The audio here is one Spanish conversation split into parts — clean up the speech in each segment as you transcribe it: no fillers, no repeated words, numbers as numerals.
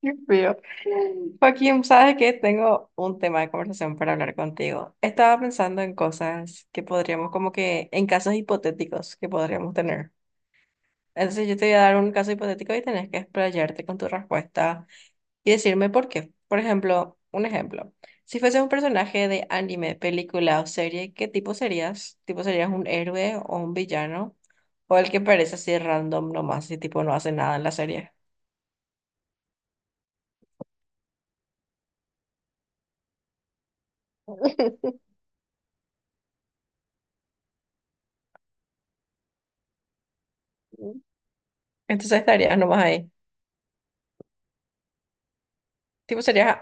Qué feo. Joaquín, sabes que tengo un tema de conversación para hablar contigo. Estaba pensando en cosas que podríamos, como que en casos hipotéticos que podríamos tener. Entonces yo te voy a dar un caso hipotético y tenés que explayarte con tu respuesta y decirme por qué. Por ejemplo, un ejemplo. Si fueses un personaje de anime, película o serie, ¿qué tipo serías? ¿Tipo serías un héroe o un villano? ¿O el que parece así random nomás y tipo no hace nada en la serie? Entonces estarías nomás ahí. Tipo, serías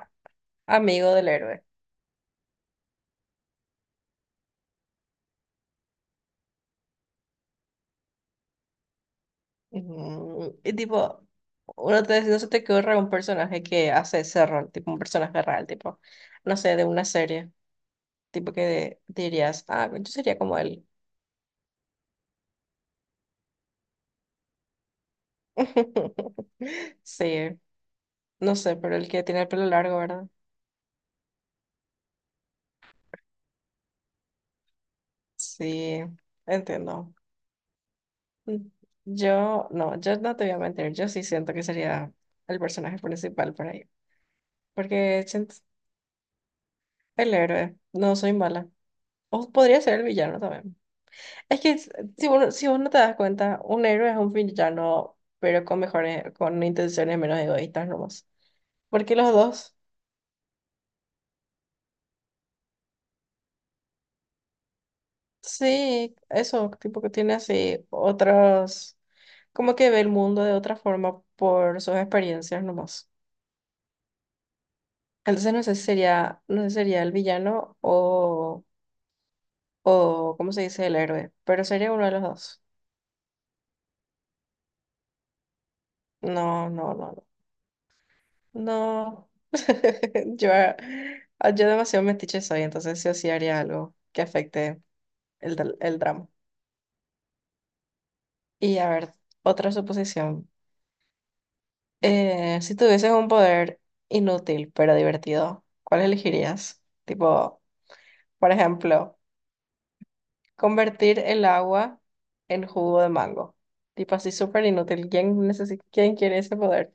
amigo del héroe. Y tipo, uno te, no se te ocurre un personaje que hace ese rol, tipo un personaje real, tipo, no sé, de una serie, tipo que dirías, ah, yo sería como él. Sí, no sé, pero el que tiene el pelo largo, ¿verdad? Sí, entiendo. Mm, Yo, no, yo no te voy a mentir, yo sí siento que sería el personaje principal por ahí, porque el héroe, no soy mala. O podría ser el villano también. Es que si uno, si uno te das cuenta, un héroe es un villano, pero con mejores, con intenciones menos egoístas nomás. Porque los dos, sí, eso, tipo que tiene así otros, como que ve el mundo de otra forma por sus experiencias nomás. Entonces no sé si sería, no sé si sería el villano o, ¿cómo se dice? El héroe, pero sería uno de los dos. No, no, no, no, yo, yo demasiado metiche soy, entonces sí o sí haría algo que afecte el, el drama. Y a ver, otra suposición. Si tuvieses un poder inútil pero divertido, ¿cuál elegirías? Tipo, por ejemplo, convertir el agua en jugo de mango. Tipo así súper inútil. ¿Quién quién quiere ese poder?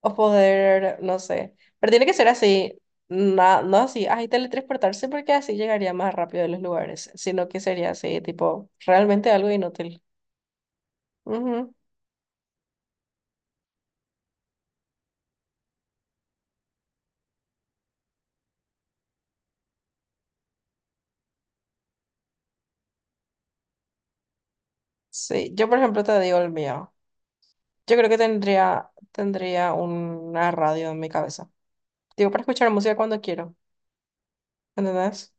O poder, no sé. Pero tiene que ser así, no así, ay, teletransportarse porque así llegaría más rápido a los lugares, sino que sería así, tipo, realmente algo inútil. Ujú. Sí, yo por ejemplo te digo el mío. Yo creo que tendría una radio en mi cabeza. Digo, para escuchar música cuando quiero, ¿entendés?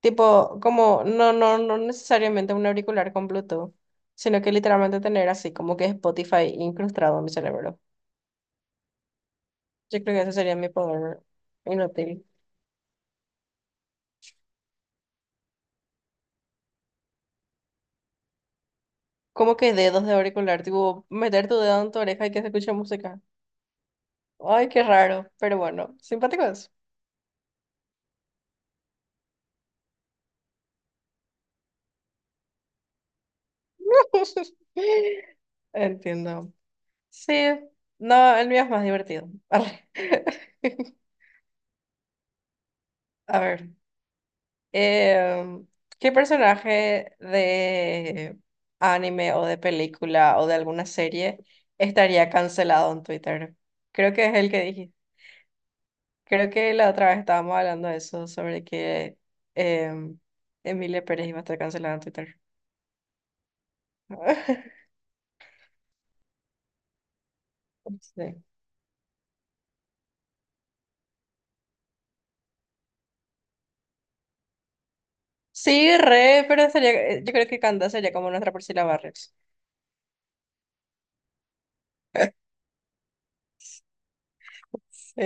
Tipo, como, no, no, no necesariamente un auricular con Bluetooth, sino que literalmente tener así, como que Spotify incrustado en mi cerebro. Yo creo que ese sería mi poder inútil. ¿Cómo que dedos de auricular? Tipo, meter tu dedo en tu oreja y que se escuche música. Ay, qué raro, pero bueno, simpático es. Entiendo. Sí, no, el mío es más divertido. Arre. A ver, em, ¿qué personaje de anime o de película o de alguna serie estaría cancelado en Twitter? Creo que es el que Creo que la otra vez estábamos hablando de eso, sobre que em, Emilia Pérez iba a estar cancelada en Twitter. Sí. Sí, re, pero sería, yo creo que Canda sería como nuestra Priscila Barrios. Sí.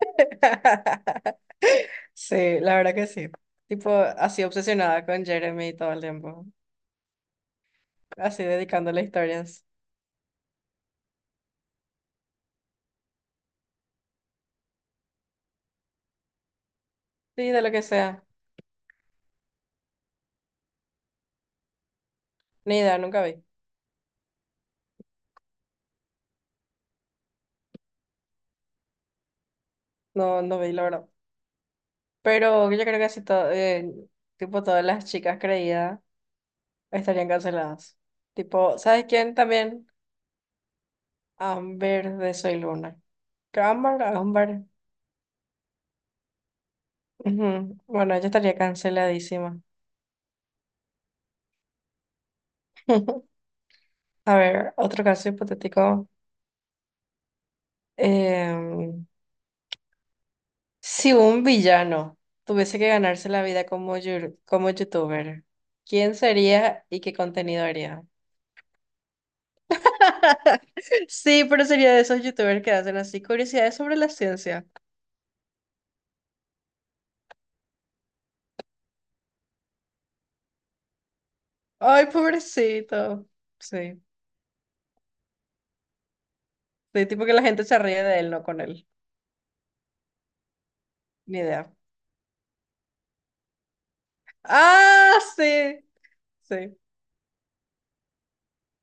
Sí, la verdad que sí. Tipo, así obsesionada con Jeremy todo el tiempo. Así dedicándole historias. Sí, de lo que sea. Ni idea, nunca vi. No, no vi, la verdad. Pero yo creo que así todo, tipo, todas las chicas creídas estarían canceladas. Tipo, ¿sabes quién también? Amber de Soy Luna. Amber. Ujú. Bueno, ella estaría canceladísima. A ver, otro caso hipotético. Em, si un villano tuviese que ganarse la vida como, como youtuber, ¿quién sería y qué contenido haría? Sí, pero sería de esos youtubers que hacen así curiosidades sobre la ciencia. Ay, pobrecito. Sí. De tipo que la gente se ríe de él, no con él. Ni idea. ¡Ah, sí! Sí,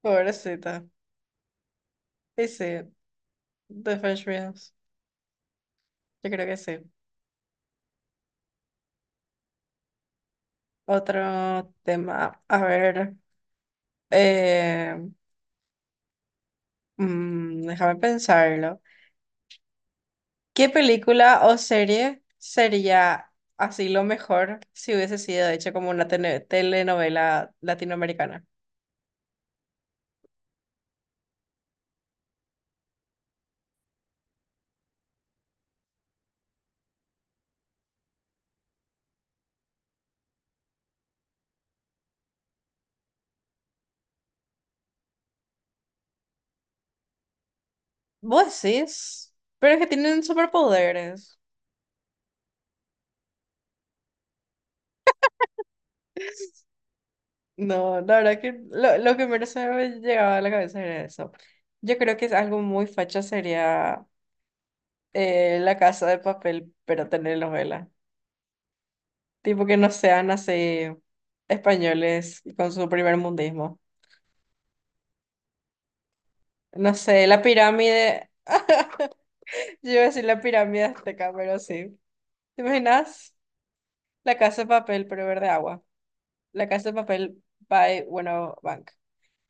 pobrecita. Y sí, The French Beans. Yo creo que sí. Otro tema. A ver. eh, déjame pensarlo. ¿Qué película o serie sería así lo mejor si hubiese sido hecha como una telenovela latinoamericana? Vos decís, pero es que tienen superpoderes. No, la verdad que lo que menos se me llegaba a la cabeza era eso. Yo creo que es algo muy facha sería la casa de papel, pero tener novela. Tipo que no sean así españoles con su primer mundismo. No sé, la pirámide. Yo iba a decir la pirámide azteca, pero sí. ¿Te imaginas? La casa de papel, pero verde agua. La casa de papel by, bueno, bank.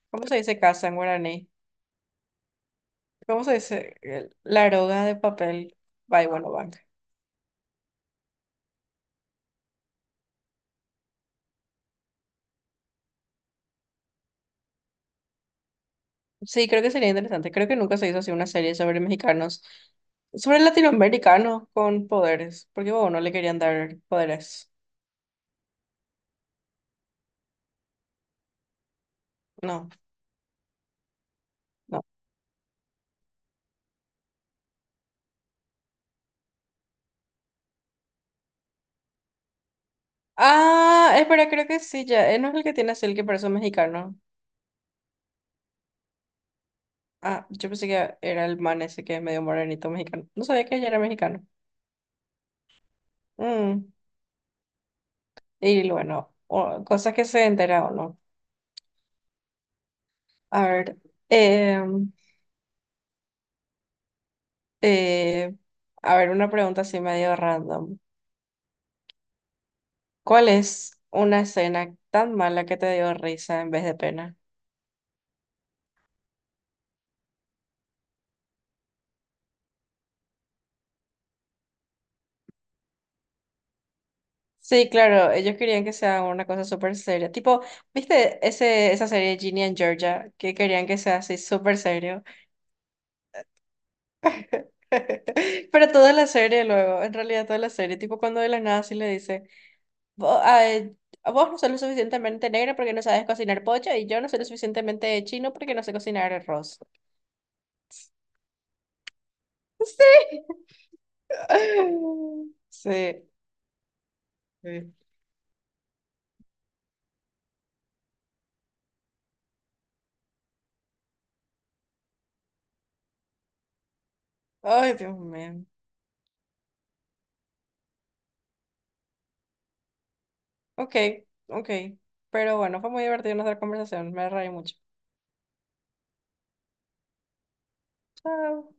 ¿Cómo se dice casa en guaraní? ¿Cómo se dice? La aroga de papel by Bueno Bank. Sí, creo que sería interesante. Creo que nunca se hizo así una serie sobre mexicanos, sobre latinoamericanos con poderes, porque bueno, no le querían dar poderes. No, no. Ah, espera, creo que sí, ya. No es el que tiene así el que parece un mexicano. Ah, yo pensé que era el man ese que es medio morenito mexicano. No sabía que ella era mexicano. Mm, Y bueno, o- cosas que se entera o no. A ver. em, Eh, a ver, una pregunta así medio random. ¿Cuál es una escena tan mala que te dio risa en vez de pena? Sí, claro, ellos querían que sea una cosa súper seria. Tipo, ¿viste ese, esa serie Ginny and Georgia? Que querían que sea así súper serio. Pero toda la serie luego, en realidad toda la serie, tipo cuando de la nada sí le dice, vos, ay, vos no sos lo suficientemente negro porque no sabes cocinar pollo y yo no soy lo suficientemente chino porque no sé cocinar arroz. Sí. Sí, sí. Ay, Dios mío. Ok, ok. Pero bueno, fue muy divertido nuestra conversación. Me reí mucho. Chao.